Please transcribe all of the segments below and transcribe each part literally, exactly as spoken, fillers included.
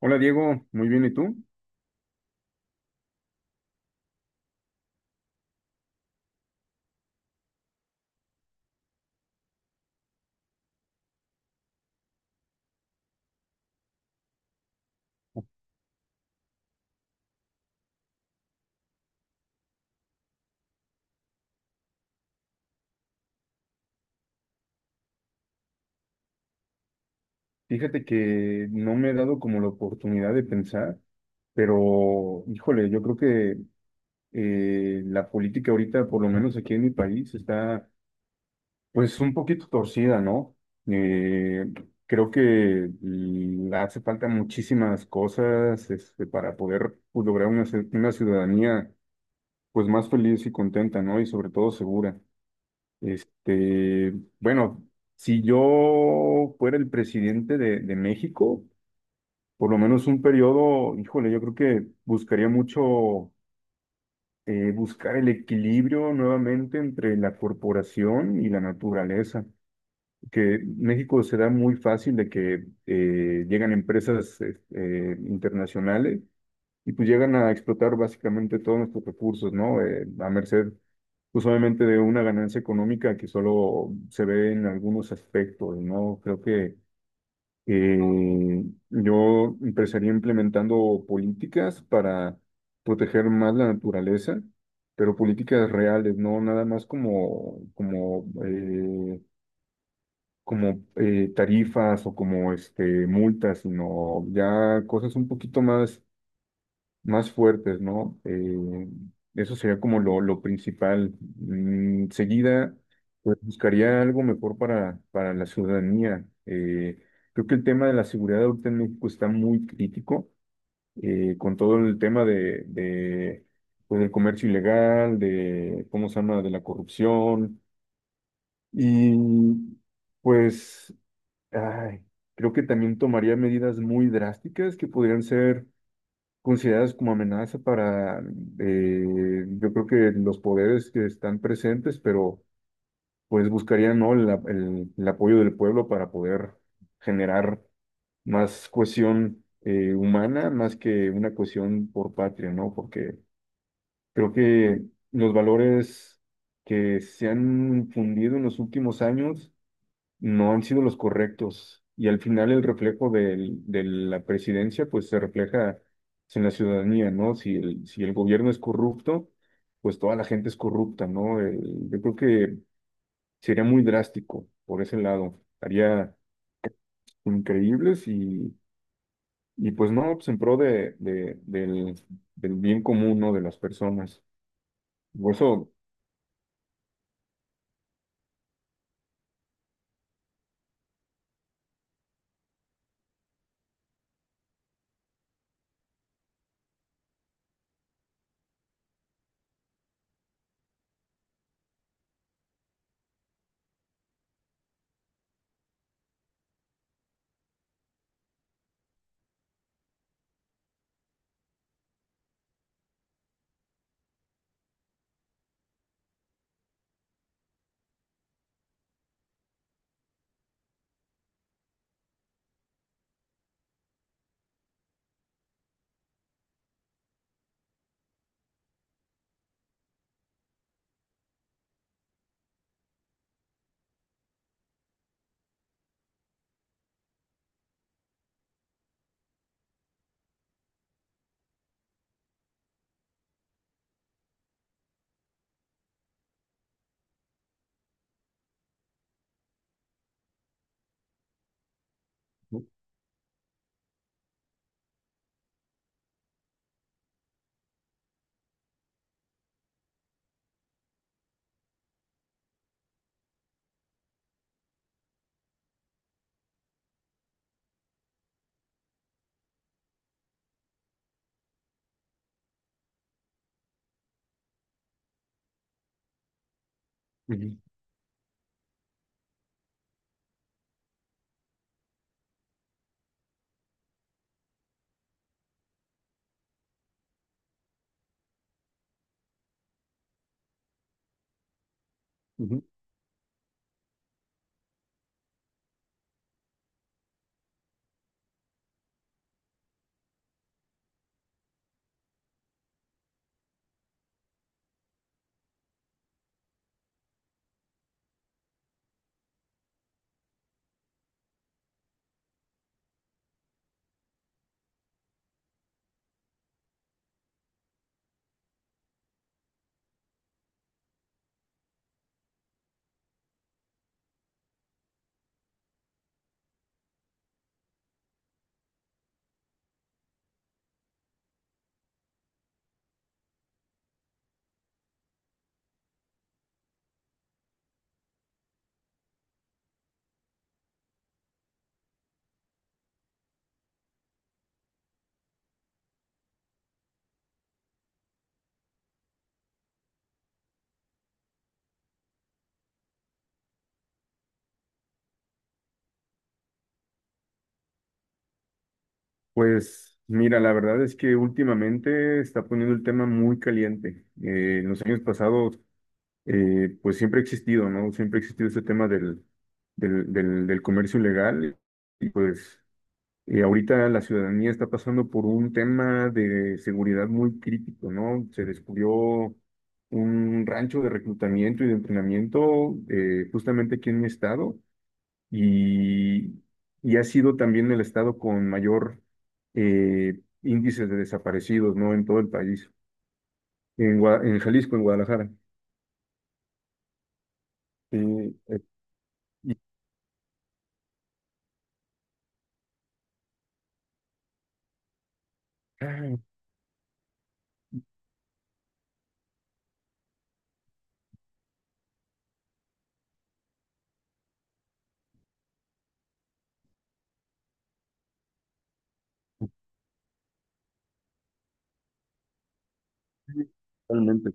Hola Diego, muy bien, ¿y tú? Fíjate que no me he dado como la oportunidad de pensar, pero híjole, yo creo que eh, la política ahorita, por lo menos aquí en mi país, está pues un poquito torcida, ¿no? Eh, creo que mm, hace falta muchísimas cosas este, para poder pues, lograr una, ci- una ciudadanía pues más feliz y contenta, ¿no? Y sobre todo segura. Este, bueno, si yo fuera el presidente de, de México, por lo menos un periodo, híjole, yo creo que buscaría mucho eh, buscar el equilibrio nuevamente entre la corporación y la naturaleza, que México se da muy fácil de que eh, llegan empresas eh, eh, internacionales y pues llegan a explotar básicamente todos nuestros recursos, ¿no? Eh, a merced pues obviamente de una ganancia económica que solo se ve en algunos aspectos, ¿no? Creo que eh, yo empezaría implementando políticas para proteger más la naturaleza, pero políticas reales, no nada más como, como, eh, como eh, tarifas o como este, multas, sino ya cosas un poquito más más fuertes, ¿no? Eh, eso sería como lo, lo principal. Mm, Enseguida, pues buscaría algo mejor para, para la ciudadanía. Eh, creo que el tema de la seguridad ahorita en México está muy crítico, eh, con todo el tema de, de, pues, del comercio ilegal, de, ¿cómo se llama?, de la corrupción. Y pues, ay, creo que también tomaría medidas muy drásticas que podrían ser consideradas como amenaza para, eh, yo creo que los poderes que están presentes, pero pues buscarían, ¿no?, la- el, el apoyo del pueblo para poder generar más cohesión eh, humana, más que una cohesión por patria, ¿no? Porque creo que los valores que se han fundido en los últimos años no han sido los correctos. Y al final el reflejo del- de la presidencia, pues se refleja pues, en la ciudadanía, ¿no? Si el, si el gobierno es corrupto, pues toda la gente es corrupta, ¿no? El- yo creo que sería muy drástico por ese lado. Haría increíbles y, y pues no, pues en pro de, de- del, del bien común, ¿no? De las personas. Por eso... ¿No? Ujú, ujú. Pues mira, la verdad es que últimamente está poniendo el tema muy caliente. Eh, en los años pasados, eh, pues siempre ha existido, ¿no? Siempre ha existido este tema del, del, del, del comercio ilegal. Y pues eh, ahorita la ciudadanía está pasando por un tema de seguridad muy crítico, ¿no? Se descubrió un rancho de reclutamiento y de entrenamiento eh, justamente aquí en mi estado y, y ha sido también el estado con mayor eh, índice de desaparecidos, ¿no? En todo el país, en, Gua- en Jalisco, en Guadalajara. Eh, eh, y- ah, sí, realmente,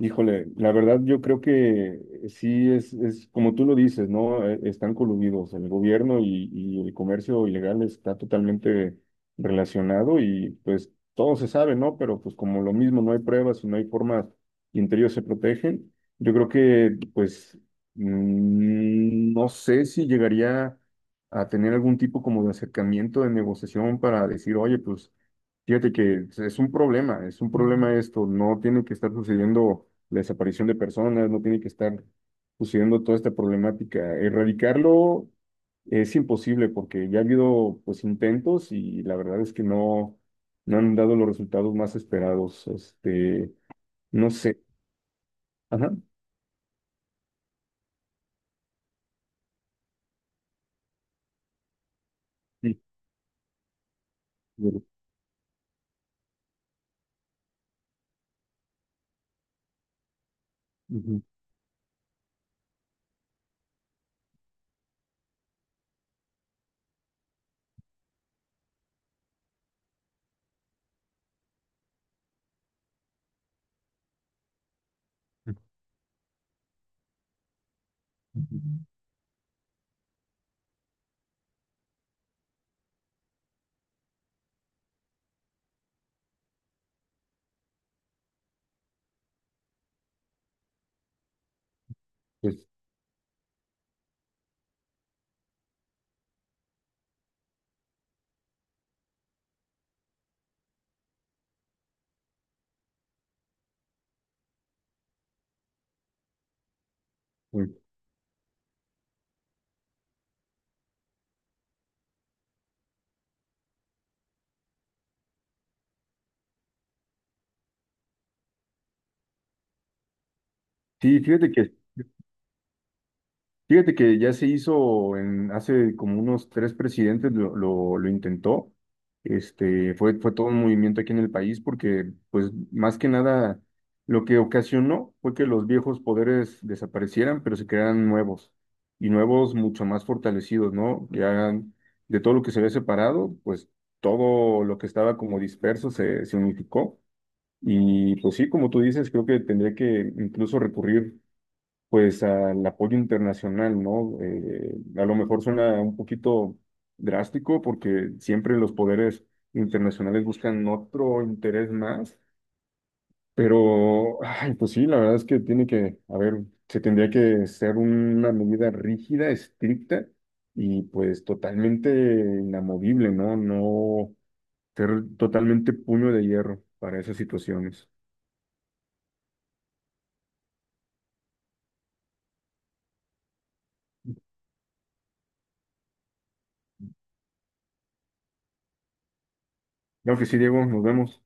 híjole, la verdad yo creo que sí es, es como tú lo dices, ¿no? Eh, están coludidos, el gobierno y, y el comercio ilegal está totalmente relacionado y pues todo se sabe, ¿no? Pero pues como lo mismo no hay pruebas y no hay formas y entre ellos se protegen, yo creo que pues mm, no sé si llegaría a tener algún tipo como de acercamiento de negociación para decir, oye, pues... Fíjate que es un problema, es un problema esto, no tiene que estar sucediendo la desaparición de personas, no tiene que estar sucediendo toda esta problemática. Erradicarlo es imposible porque ya ha habido pues intentos y la verdad es que no, no han dado los resultados más esperados. Este, no sé. Ajá. Sí. Ujú. Ujú. Pues, sí, fíjate que fíjate que ya se hizo en, hace como unos tres presidentes lo, lo, lo intentó. Este, fue, fue todo un movimiento aquí en el país porque, pues, más que nada, lo que ocasionó fue que los viejos poderes desaparecieran, pero se crearan nuevos y nuevos mucho más fortalecidos, ¿no? Ya de todo lo que se había separado, pues todo lo que estaba como disperso se, se unificó. Y pues sí, como tú dices, creo que tendría que incluso recurrir pues al apoyo internacional, ¿no? Eh, a lo mejor suena un poquito drástico porque siempre los poderes internacionales buscan otro interés más, pero, ay, pues sí, la verdad es que tiene que, a ver, se tendría que ser una medida rígida, estricta y pues totalmente inamovible, ¿no? No ser totalmente puño de hierro para esas situaciones. Creo que sí, Diego, nos vemos.